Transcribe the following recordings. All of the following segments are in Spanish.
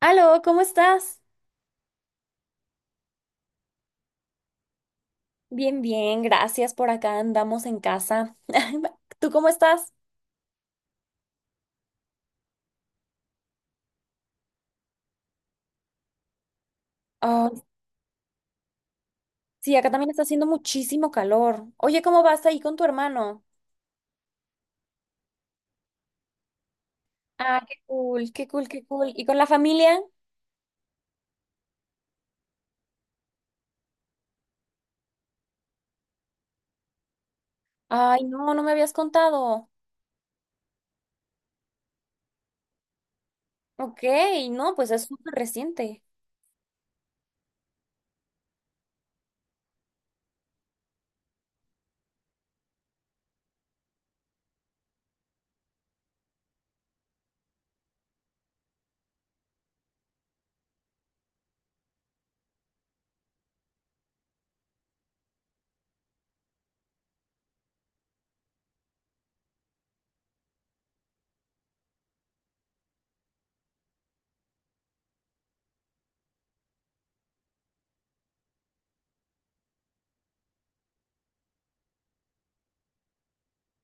Aló, ¿cómo estás? Bien, bien, gracias. Por acá andamos en casa. ¿Tú cómo estás? Oh, sí, acá también está haciendo muchísimo calor. Oye, ¿cómo vas ahí con tu hermano? Ah, qué cool, qué cool, qué cool. ¿Y con la familia? Ay, no, no me habías contado. Ok, no, pues es súper reciente.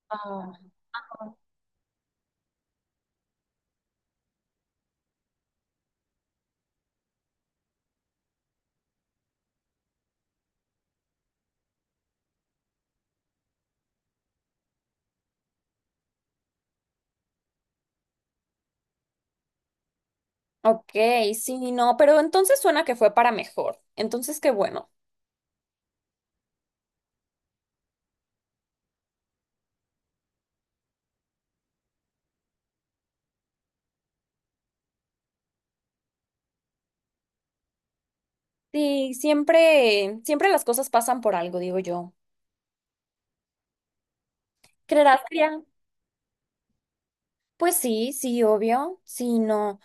Ah. Ok, sí, no, pero entonces suena que fue para mejor. Entonces, qué bueno. Sí, siempre, siempre las cosas pasan por algo, digo yo. ¿Creerás, Cria? Pues sí, sí, obvio, sí, no,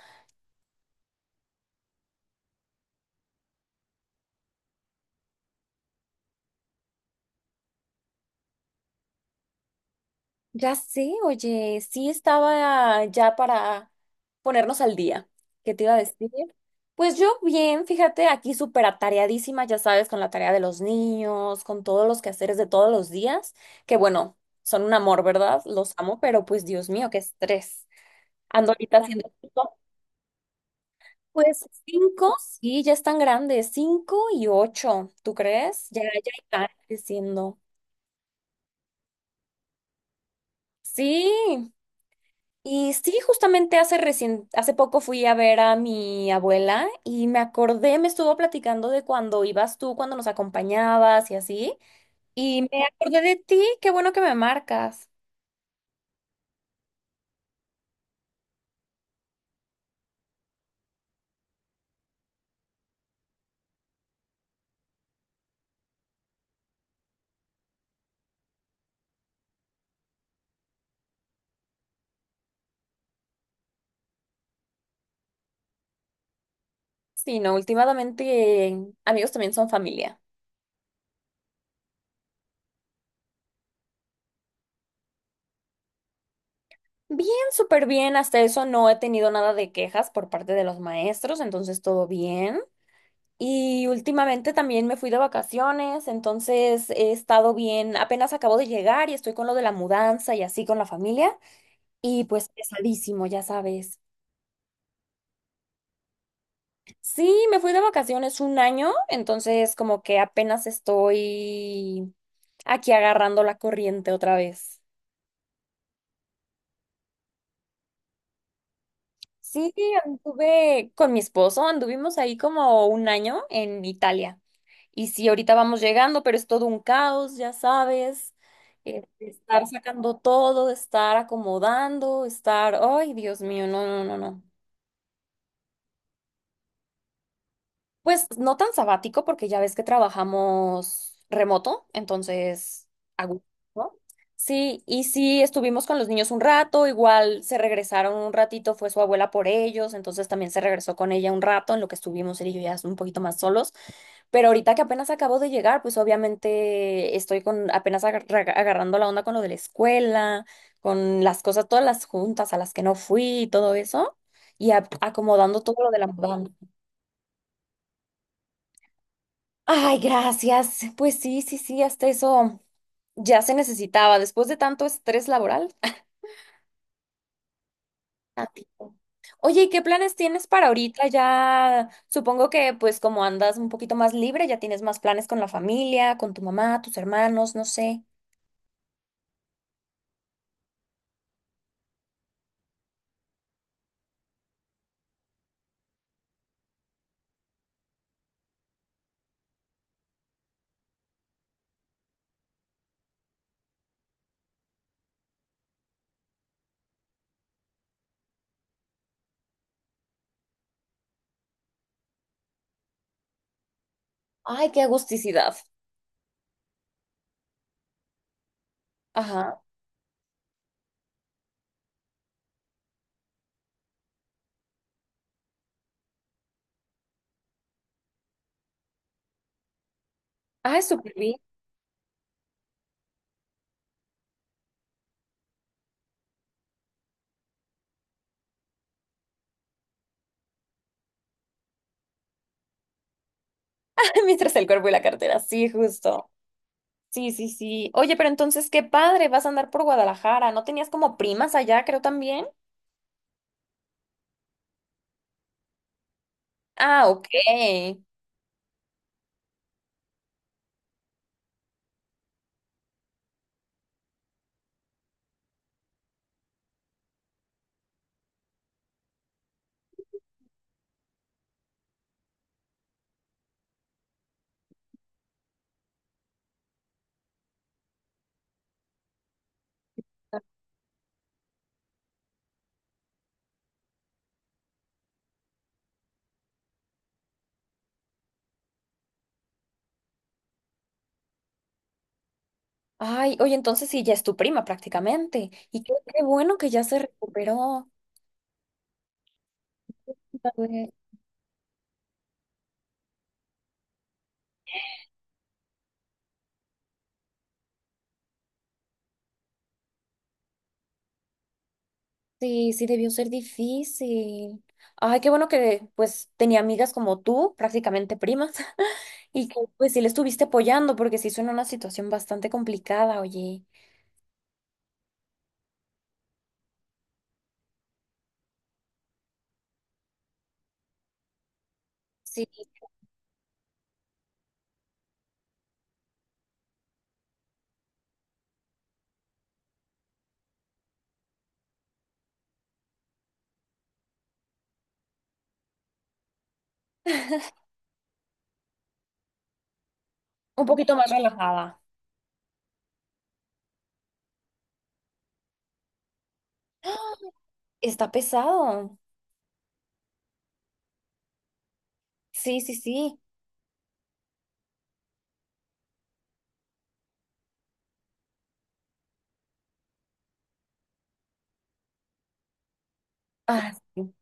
ya sé, oye, sí estaba ya para ponernos al día. ¿Qué te iba a decir? Pues yo bien, fíjate, aquí súper atareadísima, ya sabes, con la tarea de los niños, con todos los quehaceres de todos los días, que bueno, son un amor, ¿verdad? Los amo, pero pues Dios mío, qué estrés. Ando ahorita haciendo cinco, pues cinco, sí, ya están grandes, cinco y ocho, ¿tú crees? Ya, ya están creciendo. Sí. Y sí, justamente hace poco fui a ver a mi abuela y me acordé, me estuvo platicando de cuando ibas tú, cuando nos acompañabas y así. Y me acordé de ti, qué bueno que me marcas. Sí, no, últimamente amigos también son familia. Bien, súper bien, hasta eso no he tenido nada de quejas por parte de los maestros, entonces todo bien. Y últimamente también me fui de vacaciones, entonces he estado bien, apenas acabo de llegar y estoy con lo de la mudanza y así con la familia. Y pues pesadísimo, ya sabes. Sí, me fui de vacaciones un año, entonces como que apenas estoy aquí agarrando la corriente otra vez. Sí, anduve con mi esposo, anduvimos ahí como un año en Italia. Y sí, ahorita vamos llegando, pero es todo un caos, ya sabes. Estar sacando todo, estar acomodando, estar... Ay, Dios mío, no, no, no, no. Pues no tan sabático porque ya ves que trabajamos remoto, entonces a gusto. ¿No? Sí, y sí estuvimos con los niños un rato, igual se regresaron un ratito, fue su abuela por ellos, entonces también se regresó con ella un rato en lo que estuvimos él y yo ya un poquito más solos. Pero ahorita que apenas acabo de llegar, pues obviamente estoy con apenas agarrando la onda con lo de la escuela, con las cosas, todas las juntas a las que no fui y todo eso, y acomodando todo lo de la mudanza. Ay, gracias. Pues sí, sí, sí, hasta eso ya se necesitaba después de tanto estrés laboral. Tantito. Oye, ¿y qué planes tienes para ahorita? Ya supongo que pues como andas un poquito más libre, ya tienes más planes con la familia, con tu mamá, tus hermanos, no sé. Ay, qué agusticidad. Ajá. Ay, súper bien. Mientras el cuerpo y la cartera, sí, justo. Sí, sí, sí. Oye, pero entonces qué padre, vas a andar por Guadalajara. ¿No tenías como primas allá, creo también? Ah, ok. Ay, oye, entonces sí, ya es tu prima prácticamente. Y qué, qué bueno que ya se recuperó. ¿Sabes? Sí, sí, debió ser difícil. Ay, qué bueno que pues tenía amigas como tú, prácticamente primas, y que pues sí le estuviste apoyando porque sí suena una situación bastante complicada, oye. Sí, un poquito más relajada. Está pesado. Sí, sí, sí. Ah, sí,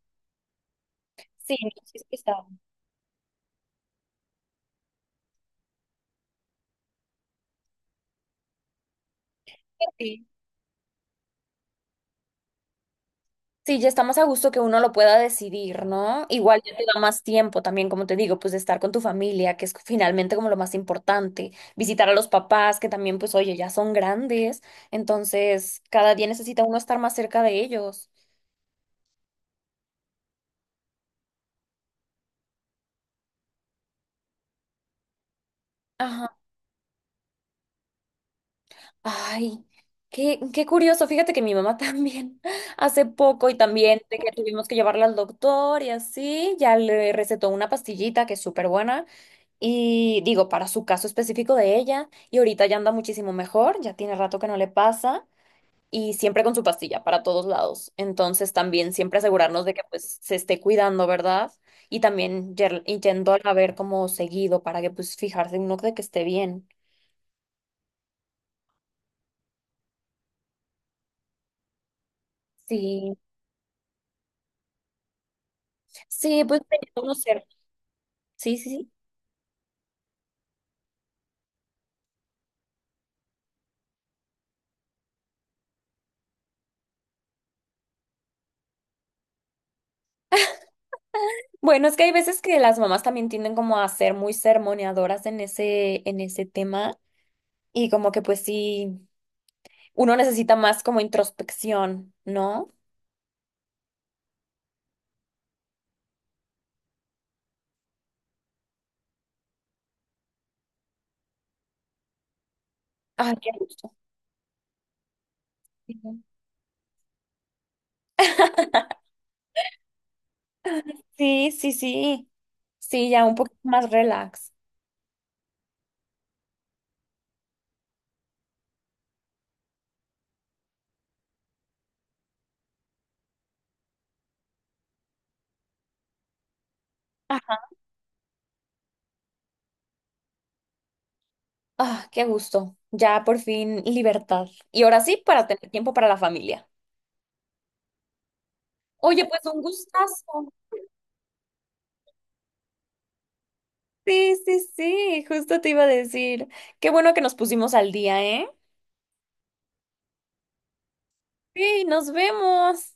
sí, no, sí es pesado. Sí, ya está más a gusto que uno lo pueda decidir, ¿no? Igual ya te da más tiempo también, como te digo, pues de estar con tu familia, que es finalmente como lo más importante. Visitar a los papás, que también, pues, oye, ya son grandes. Entonces, cada día necesita uno estar más cerca de ellos. Ajá. Ay, qué, qué curioso. Fíjate que mi mamá también hace poco y también de que tuvimos que llevarla al doctor y así, ya le recetó una pastillita que es súper buena. Y digo, para su caso específico de ella, y ahorita ya anda muchísimo mejor, ya tiene rato que no le pasa, y siempre con su pastilla para todos lados. Entonces también siempre asegurarnos de que pues se esté cuidando, ¿verdad? Y también y yendo a ver como seguido para que pues fijarse uno de que esté bien. Sí, sí, pues de conocer. Sí, sí, sí. Bueno, es que hay veces que las mamás también tienden como a ser muy sermoneadoras en ese tema, y como que pues sí. Uno necesita más como introspección, ¿no? Ay, qué gusto. Ujú. Sí, sí, sí. Sí, ya un poquito más relax. Ajá. Ah, qué gusto. Ya por fin libertad. Y ahora sí, para tener tiempo para la familia. Oye, pues un gustazo. Sí, sí, sí, justo te iba a decir. Qué bueno que nos pusimos al día, ¿eh? Sí, nos vemos.